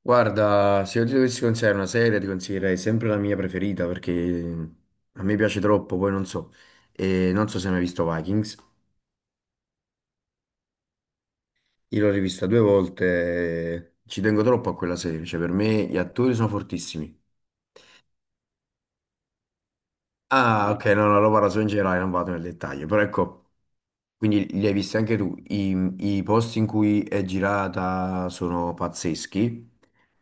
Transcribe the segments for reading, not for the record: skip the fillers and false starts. Guarda, se io ti dovessi consigliare una serie, ti consiglierei sempre la mia preferita perché a me piace troppo, poi non so. E non so se hai mai visto Vikings. Io l'ho rivista due volte, ci tengo troppo a quella serie, cioè per me gli attori sono fortissimi. Ah, ok, no, no, lo parlo solo in generale, non vado nel dettaglio, però ecco, quindi li hai visti anche tu. I posti in cui è girata sono pazzeschi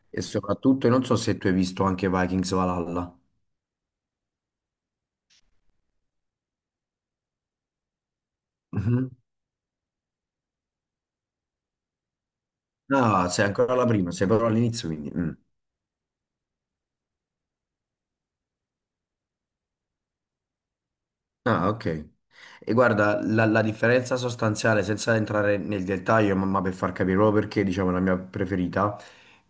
e soprattutto, non so se tu hai visto anche Vikings Valhalla. Mhm. No, sei ancora alla prima, sei proprio all'inizio quindi. Mm. Ah, ok. E guarda, la differenza sostanziale, senza entrare nel dettaglio, ma per far capire proprio perché, diciamo, è la mia preferita,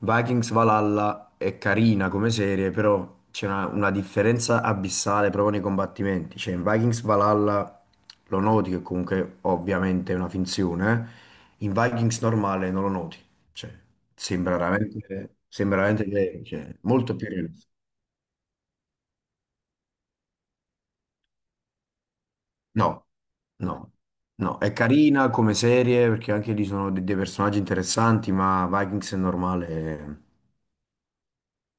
Vikings Valhalla è carina come serie, però c'è una differenza abissale proprio nei combattimenti. Cioè, in Vikings Valhalla lo noti che comunque ovviamente è una finzione, in Vikings normale non lo noti. Cioè, sembra veramente vero, cioè, molto più realistico. No, no, no, è carina come serie perché anche lì sono dei personaggi interessanti, ma Vikings è normale,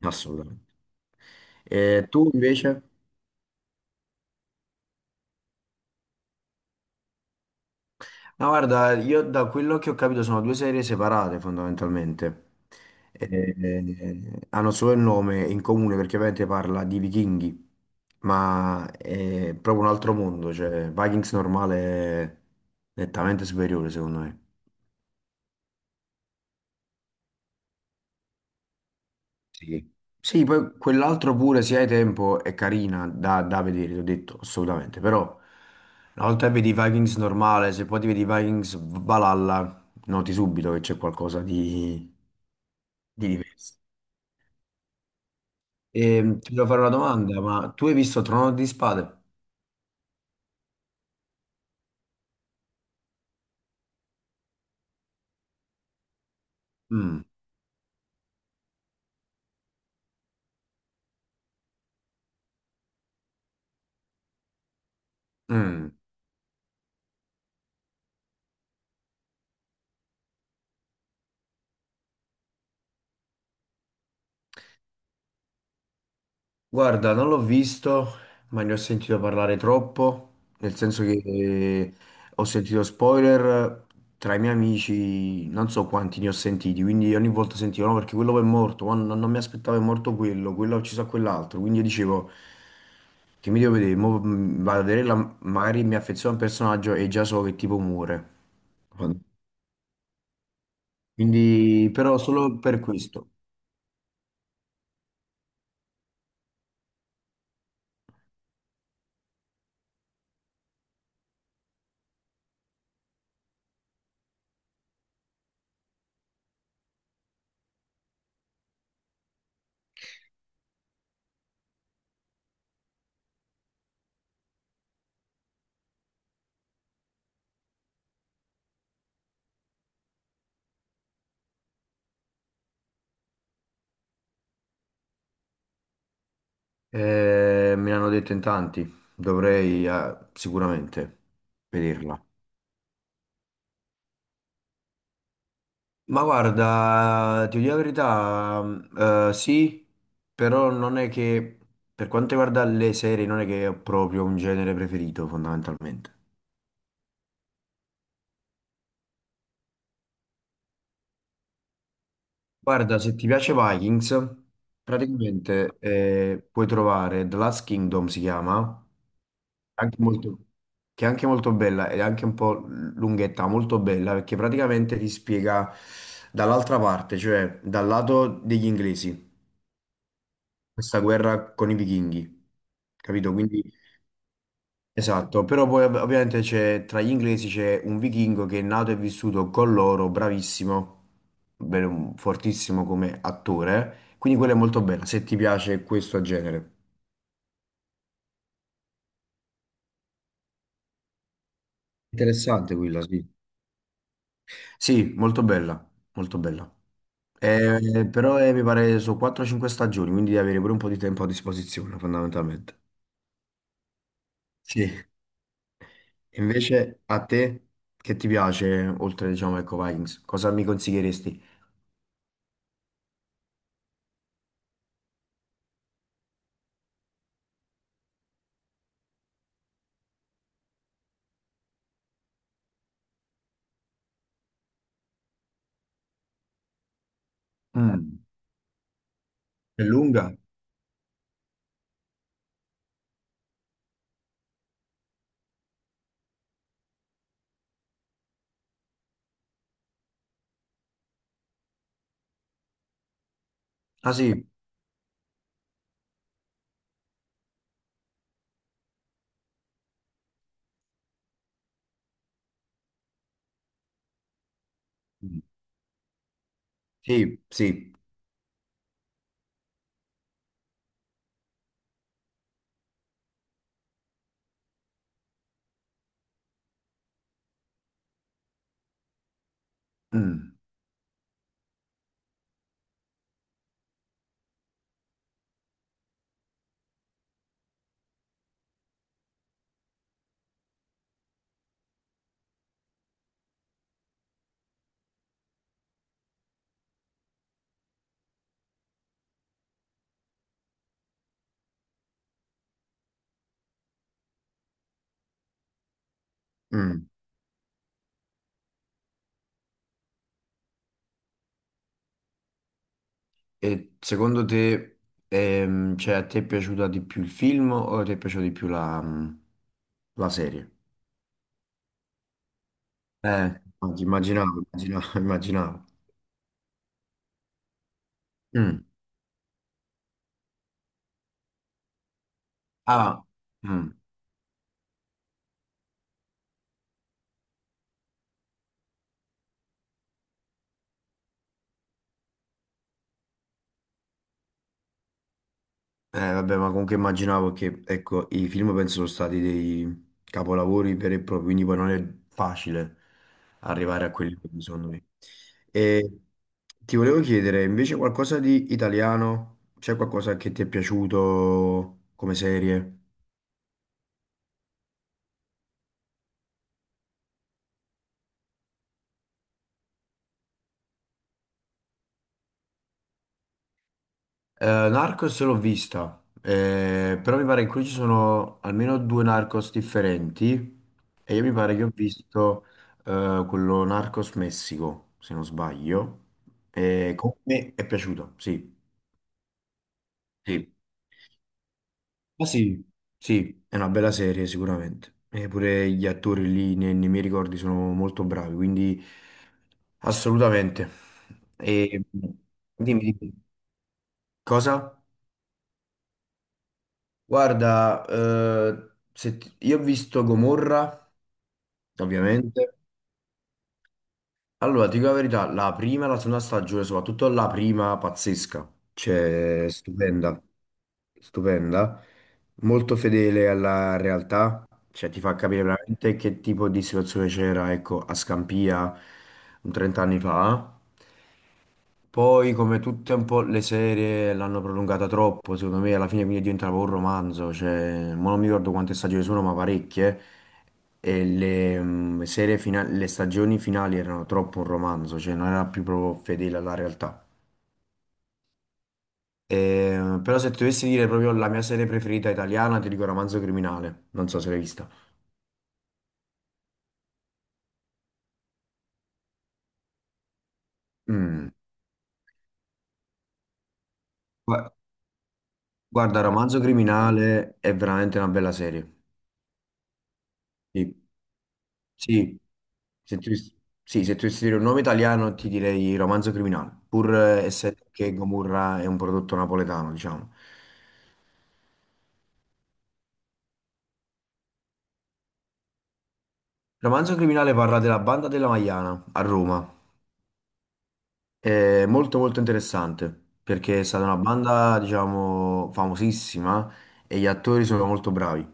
assolutamente. E tu invece? No, guarda, io da quello che ho capito sono due serie separate fondamentalmente. Eh, hanno solo il nome in comune perché ovviamente parla di vichinghi, ma è proprio un altro mondo, cioè Vikings normale è nettamente superiore secondo me. Sì. Sì, poi quell'altro pure, se hai tempo, è carina da vedere, ti ho detto, assolutamente. Però, una volta che vedi i Vikings normale, se poi ti vedi i Vikings Valhalla, noti subito che c'è qualcosa di diverso. E ti devo fare una domanda, ma tu hai visto Trono di Spade? Mm, mm. Guarda, non l'ho visto, ma ne ho sentito parlare troppo, nel senso che ho sentito spoiler tra i miei amici, non so quanti ne ho sentiti, quindi ogni volta sentivo, no, perché quello poi è morto, ma non, non mi aspettavo è morto quello, quello ha ucciso a quell'altro, quindi io dicevo che mi devo vedere, vado a vedere, magari mi affeziono a un personaggio e già so che tipo muore. Quindi, però solo per questo. Me l'hanno detto in tanti, dovrei sicuramente vederla. Ma guarda, ti dico la verità, sì, però non è che, per quanto riguarda le serie, non è che ho proprio un genere preferito, fondamentalmente. Guarda, se ti piace Vikings, praticamente puoi trovare The Last Kingdom, si chiama, anche molto... che è anche molto bella ed è anche un po' lunghetta, molto bella perché praticamente ti spiega dall'altra parte, cioè dal lato degli inglesi, questa guerra con i vichinghi, capito? Quindi esatto, però poi ovviamente c'è tra gli inglesi c'è un vichingo che è nato e vissuto con loro, bravissimo, bene, fortissimo come attore, quindi quella è molto bella, se ti piace questo genere. Interessante quella, sì. Sì, molto bella, molto bella. Però mi pare su 4-5 stagioni, quindi devi avere pure un po' di tempo a disposizione, fondamentalmente. Sì. Invece a te, che ti piace, oltre, diciamo, ecco, Vikings, cosa mi consiglieresti? Mm. È lunga? Ah sì, mm, sì, sì. Mm. Mm. E secondo te, cioè, a te è piaciuta di più il film o ti è piaciuta di più la serie? Eh, immaginavo, immaginavo, immaginavo. Mm. Ah, mm. Vabbè, ma comunque immaginavo che, ecco, i film penso sono stati dei capolavori veri e propri, quindi poi non è facile arrivare a quelli che secondo me. E ti volevo chiedere, invece, qualcosa di italiano? C'è qualcosa che ti è piaciuto come serie? Narcos l'ho vista, però mi pare che qui ci sono almeno due Narcos differenti e io mi pare che ho visto quello Narcos Messico, se non sbaglio, e comunque mi è piaciuto, sì. Sì. Ma sì, sì, è una bella serie sicuramente. E pure gli attori lì nei miei ricordi sono molto bravi, quindi assolutamente. E dimmi, dimmi, cosa? Guarda, se ti- io ho visto Gomorra, ovviamente. Allora, ti dico la verità, la prima e la seconda stagione, soprattutto la prima, pazzesca. Cioè, stupenda, stupenda. Molto fedele alla realtà, cioè ti fa capire veramente che tipo di situazione c'era, ecco, a Scampia un 30 anni fa. Poi, come tutte un po' le serie, l'hanno prolungata troppo, secondo me, alla fine quindi diventava un romanzo, cioè, mo non mi ricordo quante stagioni sono, ma parecchie, e le stagioni finali erano troppo un romanzo, cioè non era più proprio fedele alla realtà. Però se ti dovessi dire proprio la mia serie preferita italiana, ti dico Romanzo Criminale, non so se l'hai vista. Mm. Gua- Guarda, Romanzo Criminale è veramente una bella serie. Sì. Sì, se tu dovessi dire un nome italiano ti direi Romanzo Criminale, pur essendo che Gomorra è un prodotto napoletano, diciamo. Romanzo Criminale parla della banda della Magliana a Roma. È molto molto interessante perché è stata una banda, diciamo, famosissima e gli attori sono molto bravi.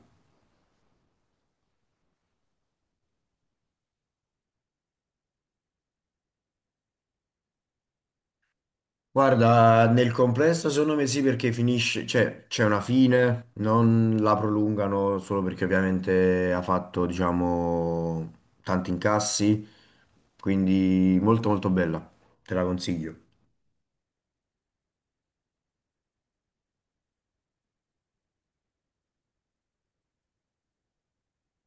Guarda, nel complesso secondo me sì perché finisce, cioè c'è una fine, non la prolungano solo perché ovviamente ha fatto, diciamo, tanti incassi, quindi molto molto bella, te la consiglio.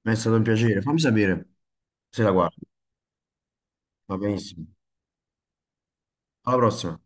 Mi è stato un piacere, fammi sapere se la guardi, va benissimo. Alla prossima.